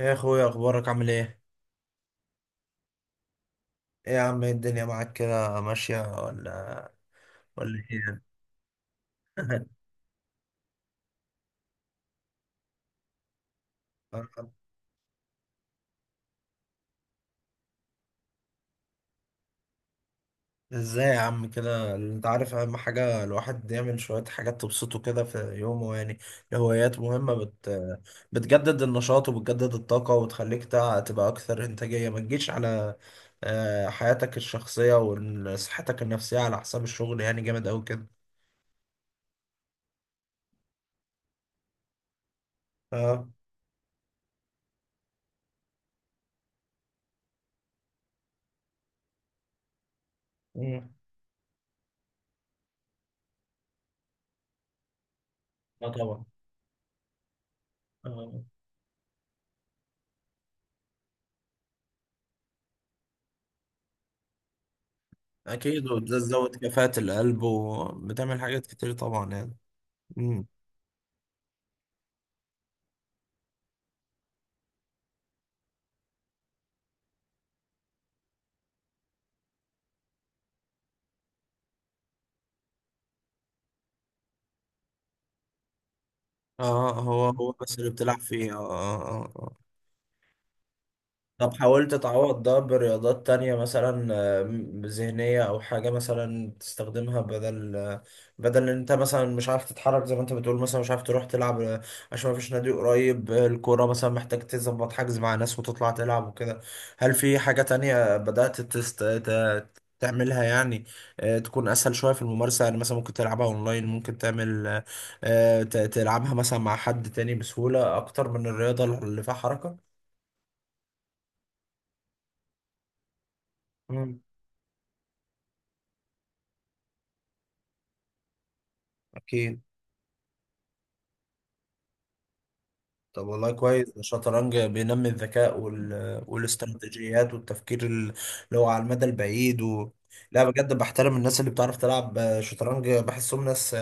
ايه يا اخويا، اخبارك؟ عامل ايه؟ ايه يا عم، إيه الدنيا معاك كده ماشية ولا ولا ايه؟ ازاي يا عم كده، انت عارف اهم حاجة الواحد يعمل شوية حاجات تبسطه كده في يومه يعني. الهوايات مهمة، بتجدد النشاط وبتجدد الطاقة وتخليك تبقى اكثر انتاجية. ما تجيش على حياتك الشخصية وصحتك النفسية على حساب الشغل، يعني جامد اوي كده. اه. مم. اه طبعا. اكيد، وده تزود كفاءة القلب وبتعمل حاجات كتير طبعا يعني. امم. اه، هو هو بس اللي بتلعب فيه. اه اه اه آه. طب حاولت تعوض ده برياضات تانية مثلا، ذهنية أو حاجة مثلا تستخدمها، بدل بدل إن أنت مثلا مش عارف تتحرك زي ما أنت بتقول، مثلا مش عارف تروح تلعب، عشان مفيش نادي قريب، الكورة مثلا محتاج تظبط حجز مع ناس وتطلع تلعب وكده. هل في حاجة تانية بدأت تعملها يعني؟ تكون اسهل شويه في الممارسه، يعني مثلا ممكن تلعبها اونلاين، ممكن تعمل تلعبها مثلا مع حد تاني بسهوله اكتر من الرياضه اللي فيها حركه. مم. اكيد. طب والله كويس، الشطرنج بينمي الذكاء والاستراتيجيات والتفكير اللي هو على المدى البعيد. لا بجد، بحترم الناس اللي بتعرف تلعب شطرنج، بحسهم ناس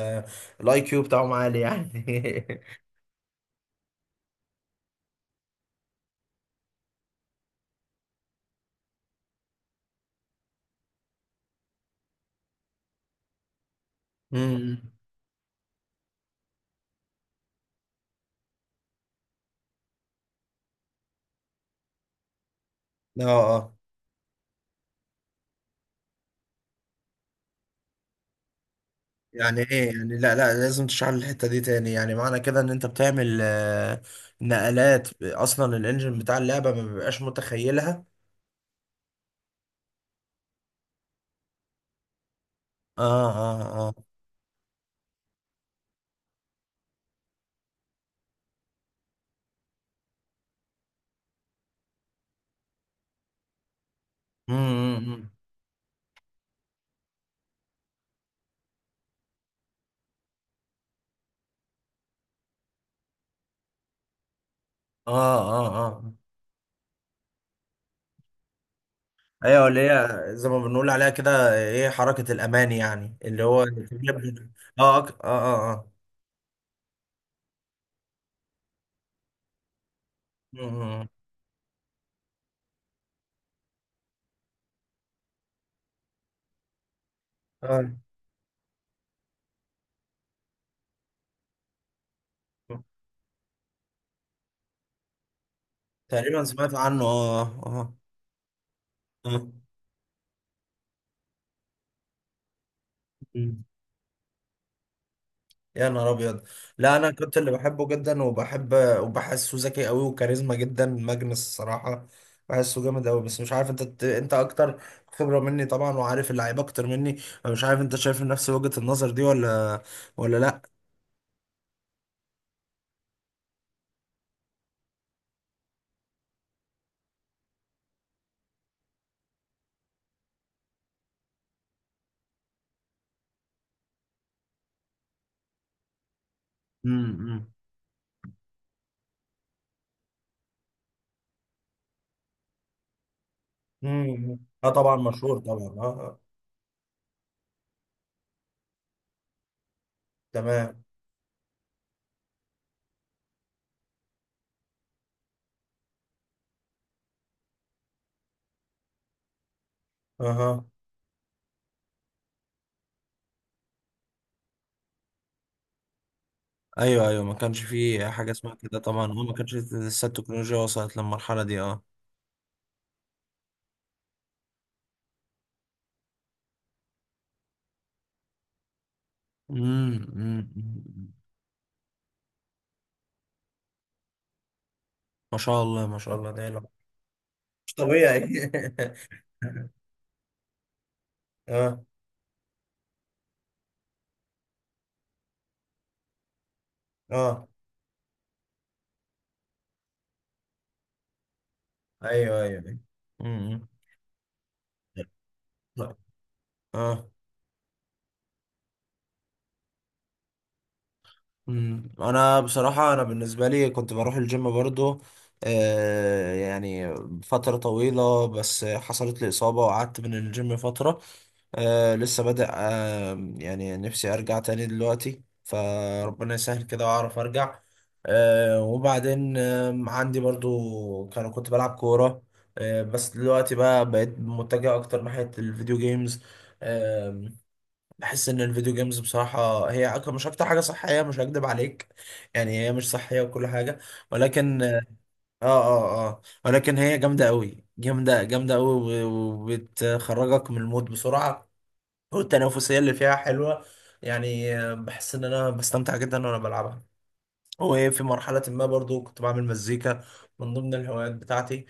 الاي كيو بتاعهم عالي يعني. امم. اه يعني، ايه يعني، لا لا، لازم تشرح لي الحته دي تاني، يعني معنى كده ان انت بتعمل نقلات اصلا الانجن بتاع اللعبه ما بيبقاش متخيلها. اه اه اه. امم. اه اه اه. ايوه، اللي هي زي ما بنقول عليها كده، ايه، حركه الامان، يعني اللي هو اه اه اه اه. مم، مم. آه. تقريبا سمعت عنه اه. اه آه. يا نهار ابيض. لا، انا كنت اللي بحبه جدا وبحب وبحسه ذكي قوي وكاريزما جدا، ماجنس الصراحه، بحسه جامد قوي. بس مش عارف، انت انت اكتر خبره مني طبعا وعارف اللعيبه اكتر مني، فمش عارف انت شايف نفس وجهه النظر دي ولا ولا لا. امم امم. اه طبعا مشهور طبعا. اه آه. تمام. اها. ايوه ايوه، ما كانش فيه حاجه اسمها كده طبعا، اه ما كانش لسه التكنولوجيا وصلت للمرحله دي اه. أمم، أمم. ما شاء الله ما شاء الله، ده إله. مش طبيعي. اه اه، ايوه ايوه أيوة. امم. طيب. اه. أمم. انا بصراحه، انا بالنسبه لي كنت بروح الجيم برضو، يعني فتره طويله، بس حصلت لي اصابه وقعدت من الجيم فتره. لسه بادئ، يعني نفسي ارجع تاني دلوقتي، فربنا يسهل كده واعرف ارجع. وبعدين عندي برضو، كنت بلعب كورة، بس دلوقتي بقى بقيت متجه اكتر ناحية الفيديو جيمز. آه بحس ان الفيديو جيمز بصراحة هي مش اكتر حاجة صحية، مش هكدب عليك. يعني هي مش صحية وكل حاجة، ولكن اه اه اه آه، ولكن هي جامدة قوي، جامدة جامدة قوي، وبتخرجك من المود بسرعة، والتنافسية اللي فيها حلوة، يعني. بحس ان انا بستمتع جدا وانا بلعبها. وفي مرحلة ما برضو كنت بعمل مزيكا من ضمن الهوايات بتاعتي.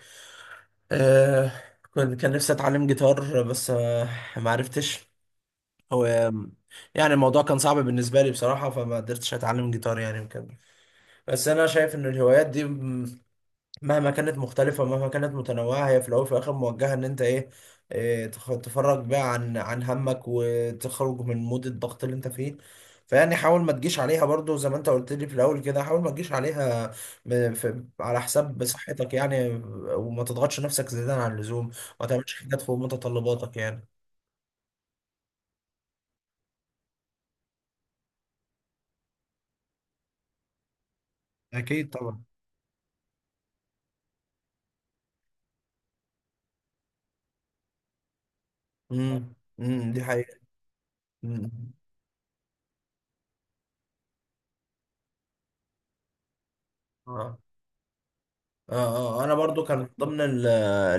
آه كنت، كان نفسي اتعلم جيتار، بس ما عرفتش هو، يعني الموضوع كان صعب بالنسبة لي بصراحة، فما قدرتش اتعلم جيتار يعني وكده. بس انا شايف ان الهوايات دي مهما كانت مختلفة، مهما كانت متنوعة، هي في الأول وفي الآخر موجهة إن أنت تفرج بقى عن همك وتخرج من مود الضغط اللي أنت فيه، فيعني حاول ما تجيش عليها برضو، زي ما أنت قلت لي في الأول كده، حاول ما تجيش عليها في على حساب صحتك يعني. وما تضغطش نفسك زيادة عن اللزوم، ما تعملش حاجات فوق متطلباتك يعني. اكيد طبعا. امم امم، دي حقيقة. امم. آه. اه اه، انا برضو كان من ضمن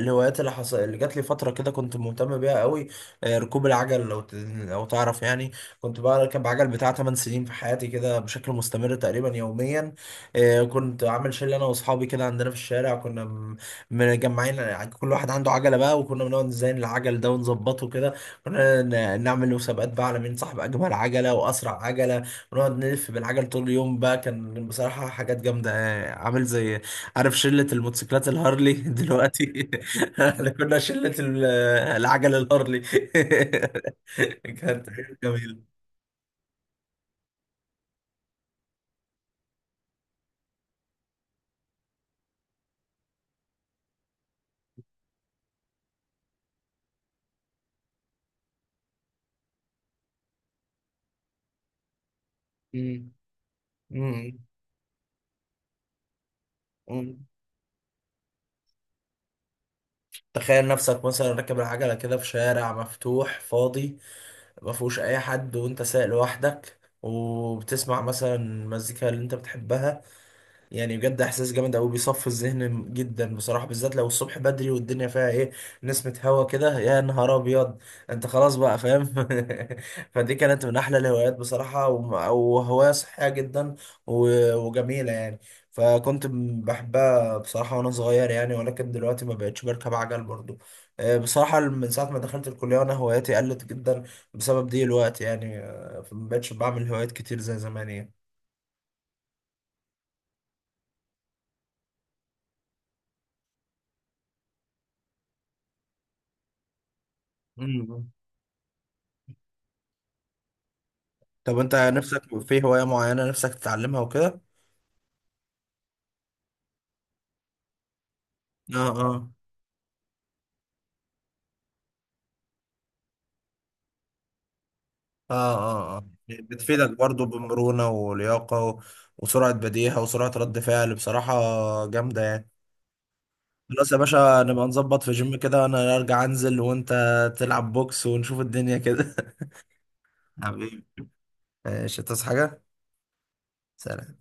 الهوايات اللي اللي جات لي فتره كده كنت مهتم بيها قوي، ركوب العجل، لو تعرف يعني. كنت بركب عجل بتاع 8 سنين في حياتي كده بشكل مستمر تقريبا يوميا. كنت عامل شله انا واصحابي كده عندنا في الشارع، كنا مجمعين، كل واحد عنده عجله بقى، وكنا بنقعد نزين العجل ده ونظبطه كده، كنا نعمل مسابقات بقى على مين صاحب اجمل عجله واسرع عجله، ونقعد نلف بالعجل طول اليوم بقى. كان بصراحه حاجات جامده، عامل زي، عارف شلة الموتوسيكلات الهارلي دلوقتي؟ احنا كنا شلة العجل الهارلي. كانت حاجة جميلة. مم. مم. مم. تخيل نفسك مثلا راكب العجلة كده في شارع مفتوح فاضي، ما فيهوش أي حد وأنت سايق لوحدك وبتسمع مثلا المزيكا اللي أنت بتحبها، يعني بجد احساس جامد قوي بيصفي الذهن جدا بصراحه، بالذات لو الصبح بدري والدنيا فيها ايه، نسمه هوا كده، يا نهار ابيض. انت خلاص بقى فاهم. فدي كانت من احلى الهوايات بصراحه، وهوايه صحيه جدا وجميله يعني. فكنت بحبها بصراحه وانا صغير يعني، ولكن دلوقتي ما بقتش بركب عجل برضو. بصراحه من ساعه ما دخلت الكليه وانا هواياتي قلت جدا بسبب دي الوقت يعني. فما بقتش بعمل هوايات كتير زي زمان يعني. طب انت نفسك في هواية معينة نفسك تتعلمها وكده؟ اه اه اه اه اه. بتفيدك برضو بمرونة ولياقة، وسرعة بديهة وسرعة رد فعل بصراحة، جامدة يعني. خلاص يا باشا، نبقى نظبط في جيم كده، انا ارجع انزل وانت تلعب بوكس ونشوف الدنيا كده. حبيبي، ماشي تصحى حاجة؟ سلام.